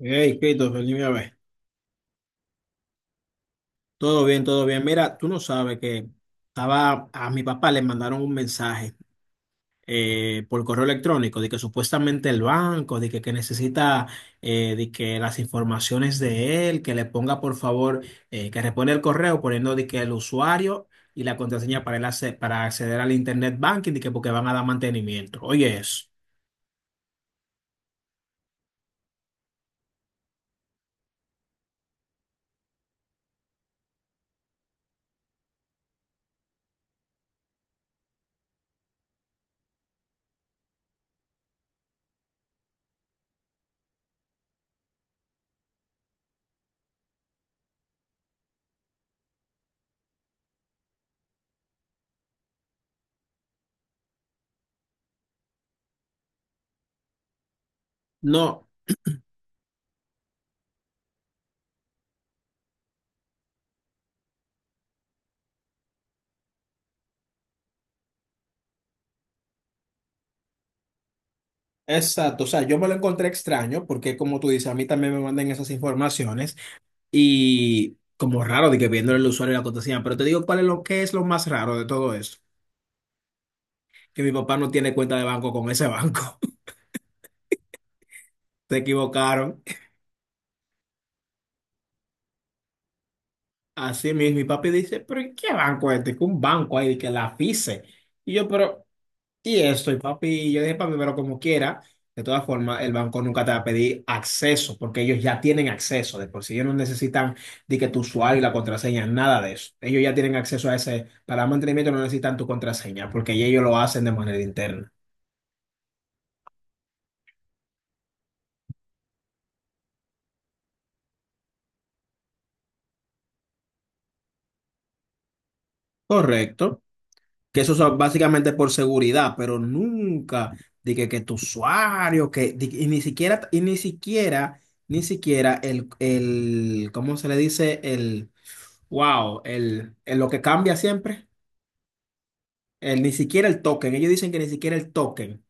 Hey, Christopher, dime a ver. Todo bien, todo bien. Mira, tú no sabes que estaba a mi papá le mandaron un mensaje por correo electrónico de que supuestamente el banco, que necesita de que las informaciones de él, que le ponga por favor, que repone el correo poniendo de que el usuario y la contraseña para él para acceder al internet banking, de que porque van a dar mantenimiento. Oye, eso. No. Exacto, o sea, yo me lo encontré extraño porque como tú dices, a mí también me mandan esas informaciones. Y como raro de que viéndole el usuario y la contraseña, pero te digo cuál es lo que es lo más raro de todo esto. Que mi papá no tiene cuenta de banco con ese banco. Se equivocaron. Así mismo, mi papi dice, pero ¿y qué banco es este? Que un banco ahí, que la FISE. Y yo, pero y esto, y papi, yo dije, papi, pero como quiera, de todas formas, el banco nunca te va a pedir acceso, porque ellos ya tienen acceso, de por sí ellos no necesitan de que tu usuario y la contraseña, nada de eso. Ellos ya tienen acceso a ese, para mantenimiento no necesitan tu contraseña, porque ya ellos lo hacen de manera interna. Correcto. Que eso es básicamente por seguridad, pero nunca de que tu usuario, y ni siquiera, ni siquiera ¿cómo se le dice? Wow, el lo que cambia siempre, el, ni siquiera el token. Ellos dicen que ni siquiera el token.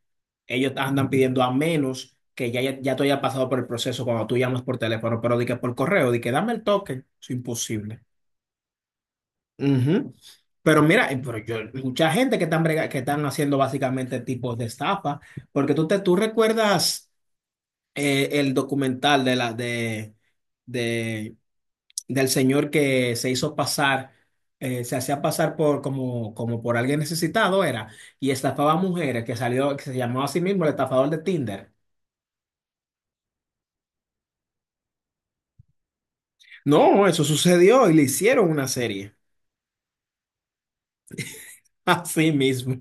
Ellos andan pidiendo a menos que ya, ya, ya tú hayas pasado por el proceso cuando tú llamas por teléfono, pero di que por correo, di que dame el token. Es imposible. Ujú. Pero mira, pero yo, mucha gente que están, que están haciendo básicamente tipos de estafa, porque tú recuerdas el documental de del señor que se hizo pasar, se hacía pasar por como, como por alguien necesitado era, y estafaba a mujeres que salió, que se llamaba a sí mismo el estafador de Tinder. No, eso sucedió y le hicieron una serie. Así mismo.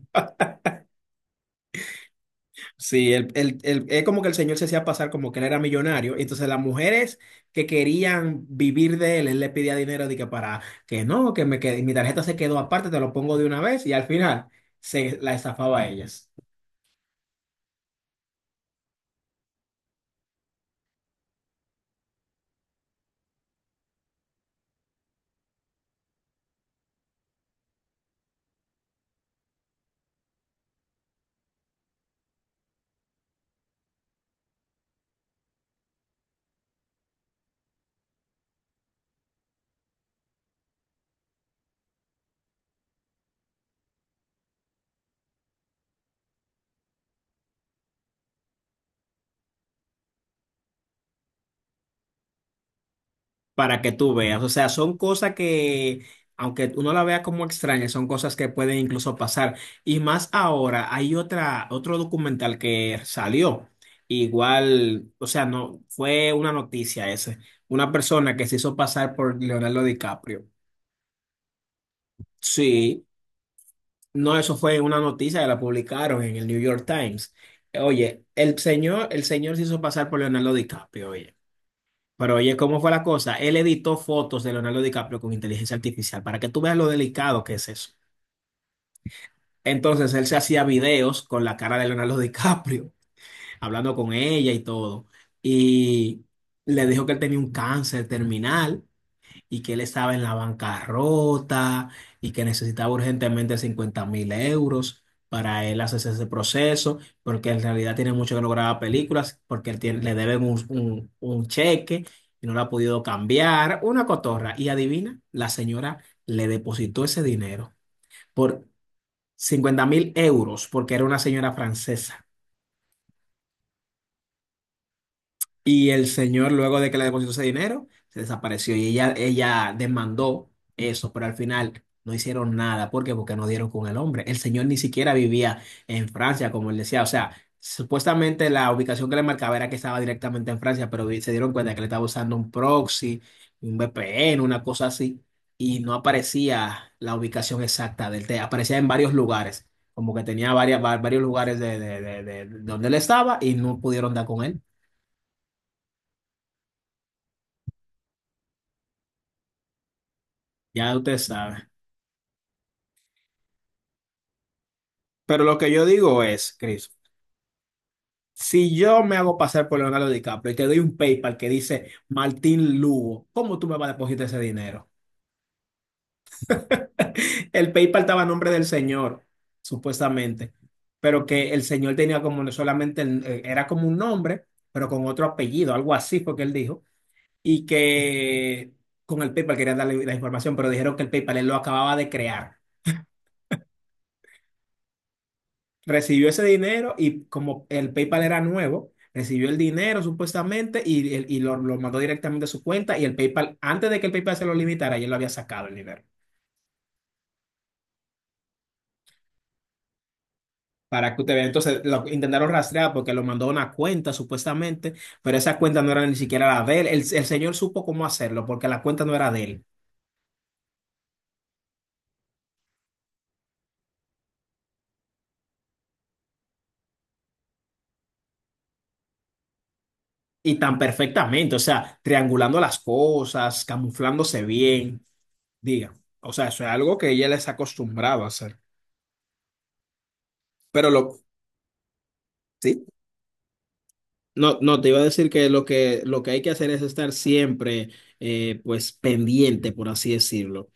Sí, es como que el señor se hacía pasar como que él era millonario. Entonces las mujeres que querían vivir de él, él le pedía dinero de que para que no, mi tarjeta se quedó aparte, te lo pongo de una vez y al final se la estafaba a ellas. Para que tú veas. O sea, son cosas que, aunque uno la vea como extraña, son cosas que pueden incluso pasar. Y más ahora, hay otro documental que salió. Igual, o sea, no fue una noticia ese. Una persona que se hizo pasar por Leonardo DiCaprio. Sí, no, eso fue una noticia que la publicaron en el New York Times. Oye, el señor se hizo pasar por Leonardo DiCaprio, oye. Pero oye, ¿cómo fue la cosa? Él editó fotos de Leonardo DiCaprio con inteligencia artificial para que tú veas lo delicado que es eso. Entonces él se hacía videos con la cara de Leonardo DiCaprio, hablando con ella y todo. Y le dijo que él tenía un cáncer terminal y que él estaba en la bancarrota y que necesitaba urgentemente 50.000 euros para él hacerse ese proceso, porque en realidad tiene mucho que no graba películas, porque él le deben un cheque y no lo ha podido cambiar, una cotorra. Y adivina, la señora le depositó ese dinero por 50.000 euros, porque era una señora francesa. Y el señor, luego de que le depositó ese dinero, se desapareció y ella demandó eso, pero al final no hicieron nada. ¿Por qué? Porque no dieron con el hombre. El señor ni siquiera vivía en Francia, como él decía. O sea, supuestamente la ubicación que le marcaba era que estaba directamente en Francia, pero se dieron cuenta que le estaba usando un proxy, un VPN, una cosa así, y no aparecía la ubicación exacta del té. Aparecía en varios lugares, como que tenía varios lugares de donde él estaba y no pudieron dar con él. Ya usted sabe. Pero lo que yo digo es, Chris, si yo me hago pasar por Leonardo DiCaprio y te doy un PayPal que dice Martín Lugo, ¿cómo tú me vas a depositar ese dinero? El PayPal estaba a nombre del señor, supuestamente, pero que el señor tenía como no solamente, era como un nombre, pero con otro apellido, algo así fue que él dijo, y que con el PayPal querían darle la información, pero dijeron que el PayPal él lo acababa de crear. Recibió ese dinero y como el PayPal era nuevo, recibió el dinero supuestamente y, y lo mandó directamente a su cuenta y el PayPal, antes de que el PayPal se lo limitara, ya lo había sacado el dinero. Para que usted vea, entonces lo intentaron rastrear porque lo mandó a una cuenta supuestamente, pero esa cuenta no era ni siquiera la de él. El señor supo cómo hacerlo porque la cuenta no era de él. Y tan perfectamente, o sea, triangulando las cosas, camuflándose bien, diga. O sea, eso es algo que ella les ha acostumbrado a hacer. Pero lo, sí, no, no, te iba a decir que lo que, lo que hay que hacer es estar siempre, pues, pendiente, por así decirlo,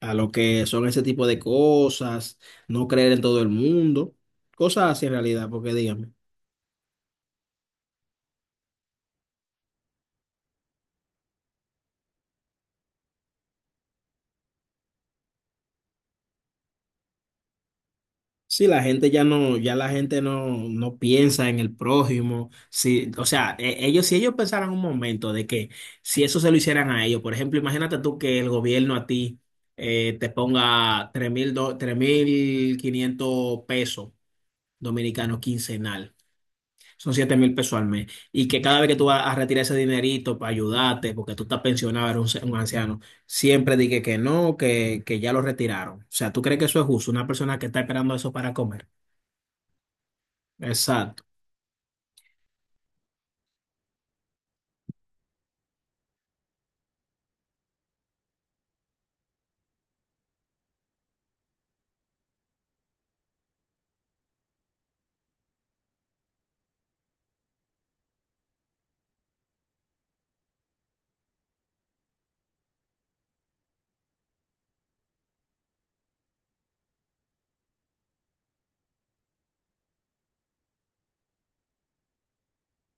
a lo que son ese tipo de cosas, no creer en todo el mundo, cosas así en realidad, porque dígame, si la gente ya no, ya la gente no piensa en el prójimo, si, o sea, ellos, si ellos pensaran un momento de que si eso se lo hicieran a ellos, por ejemplo, imagínate tú que el gobierno a ti te ponga 3.500 pesos dominicano quincenal. Son 7.000 pesos al mes. Y que cada vez que tú vas a retirar ese dinerito para ayudarte, porque tú estás pensionado, eres un, un anciano, siempre dije que no, que ya lo retiraron. O sea, ¿tú crees que eso es justo? Una persona que está esperando eso para comer. Exacto.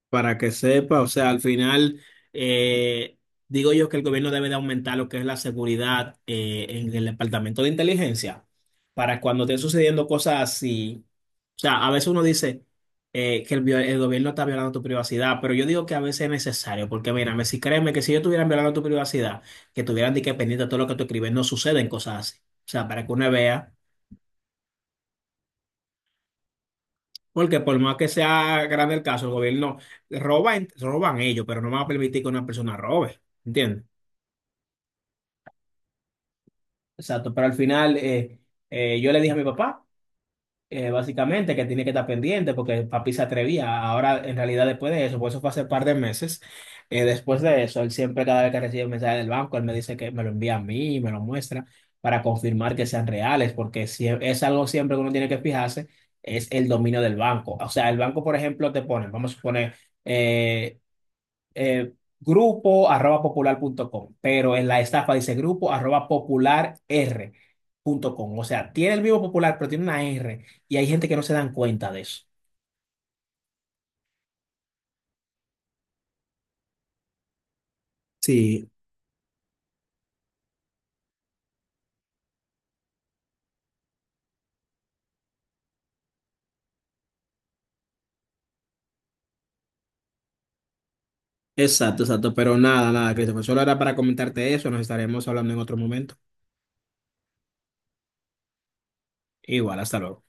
Para que sepa, o sea, al final eh, digo yo que el gobierno debe de aumentar lo que es la seguridad en el departamento de inteligencia para cuando estén sucediendo cosas así. O sea, a veces uno dice que el gobierno está violando tu privacidad, pero yo digo que a veces es necesario, porque mírame, si créeme que si yo estuviera violando tu privacidad, que tuvieran de que pendiente de todo lo que tú escribes, no suceden cosas así. O sea, para que uno vea. Porque por más que sea grande el caso, el gobierno roba, roban ellos, pero no van a permitir que una persona robe, ¿entiendes? Exacto, pero al final yo le dije a mi papá, básicamente, que tiene que estar pendiente porque papi se atrevía. Ahora, en realidad, después de eso, por eso fue hace un par de meses, después de eso, él siempre, cada vez que recibe un mensaje del banco, él me dice que me lo envía a mí, me lo muestra para confirmar que sean reales, porque si es algo siempre que uno tiene que fijarse, es el dominio del banco. O sea, el banco, por ejemplo, te pone, vamos a suponer, eh, eh, grupo arroba popular.com, pero en la estafa dice grupo arroba popularr.com. O sea, tiene el mismo popular, pero tiene una R y hay gente que no se dan cuenta de eso. Sí, exacto, exacto. Pero nada, nada, Christopher. Solo era para comentarte eso. Nos estaremos hablando en otro momento. Igual, hasta luego.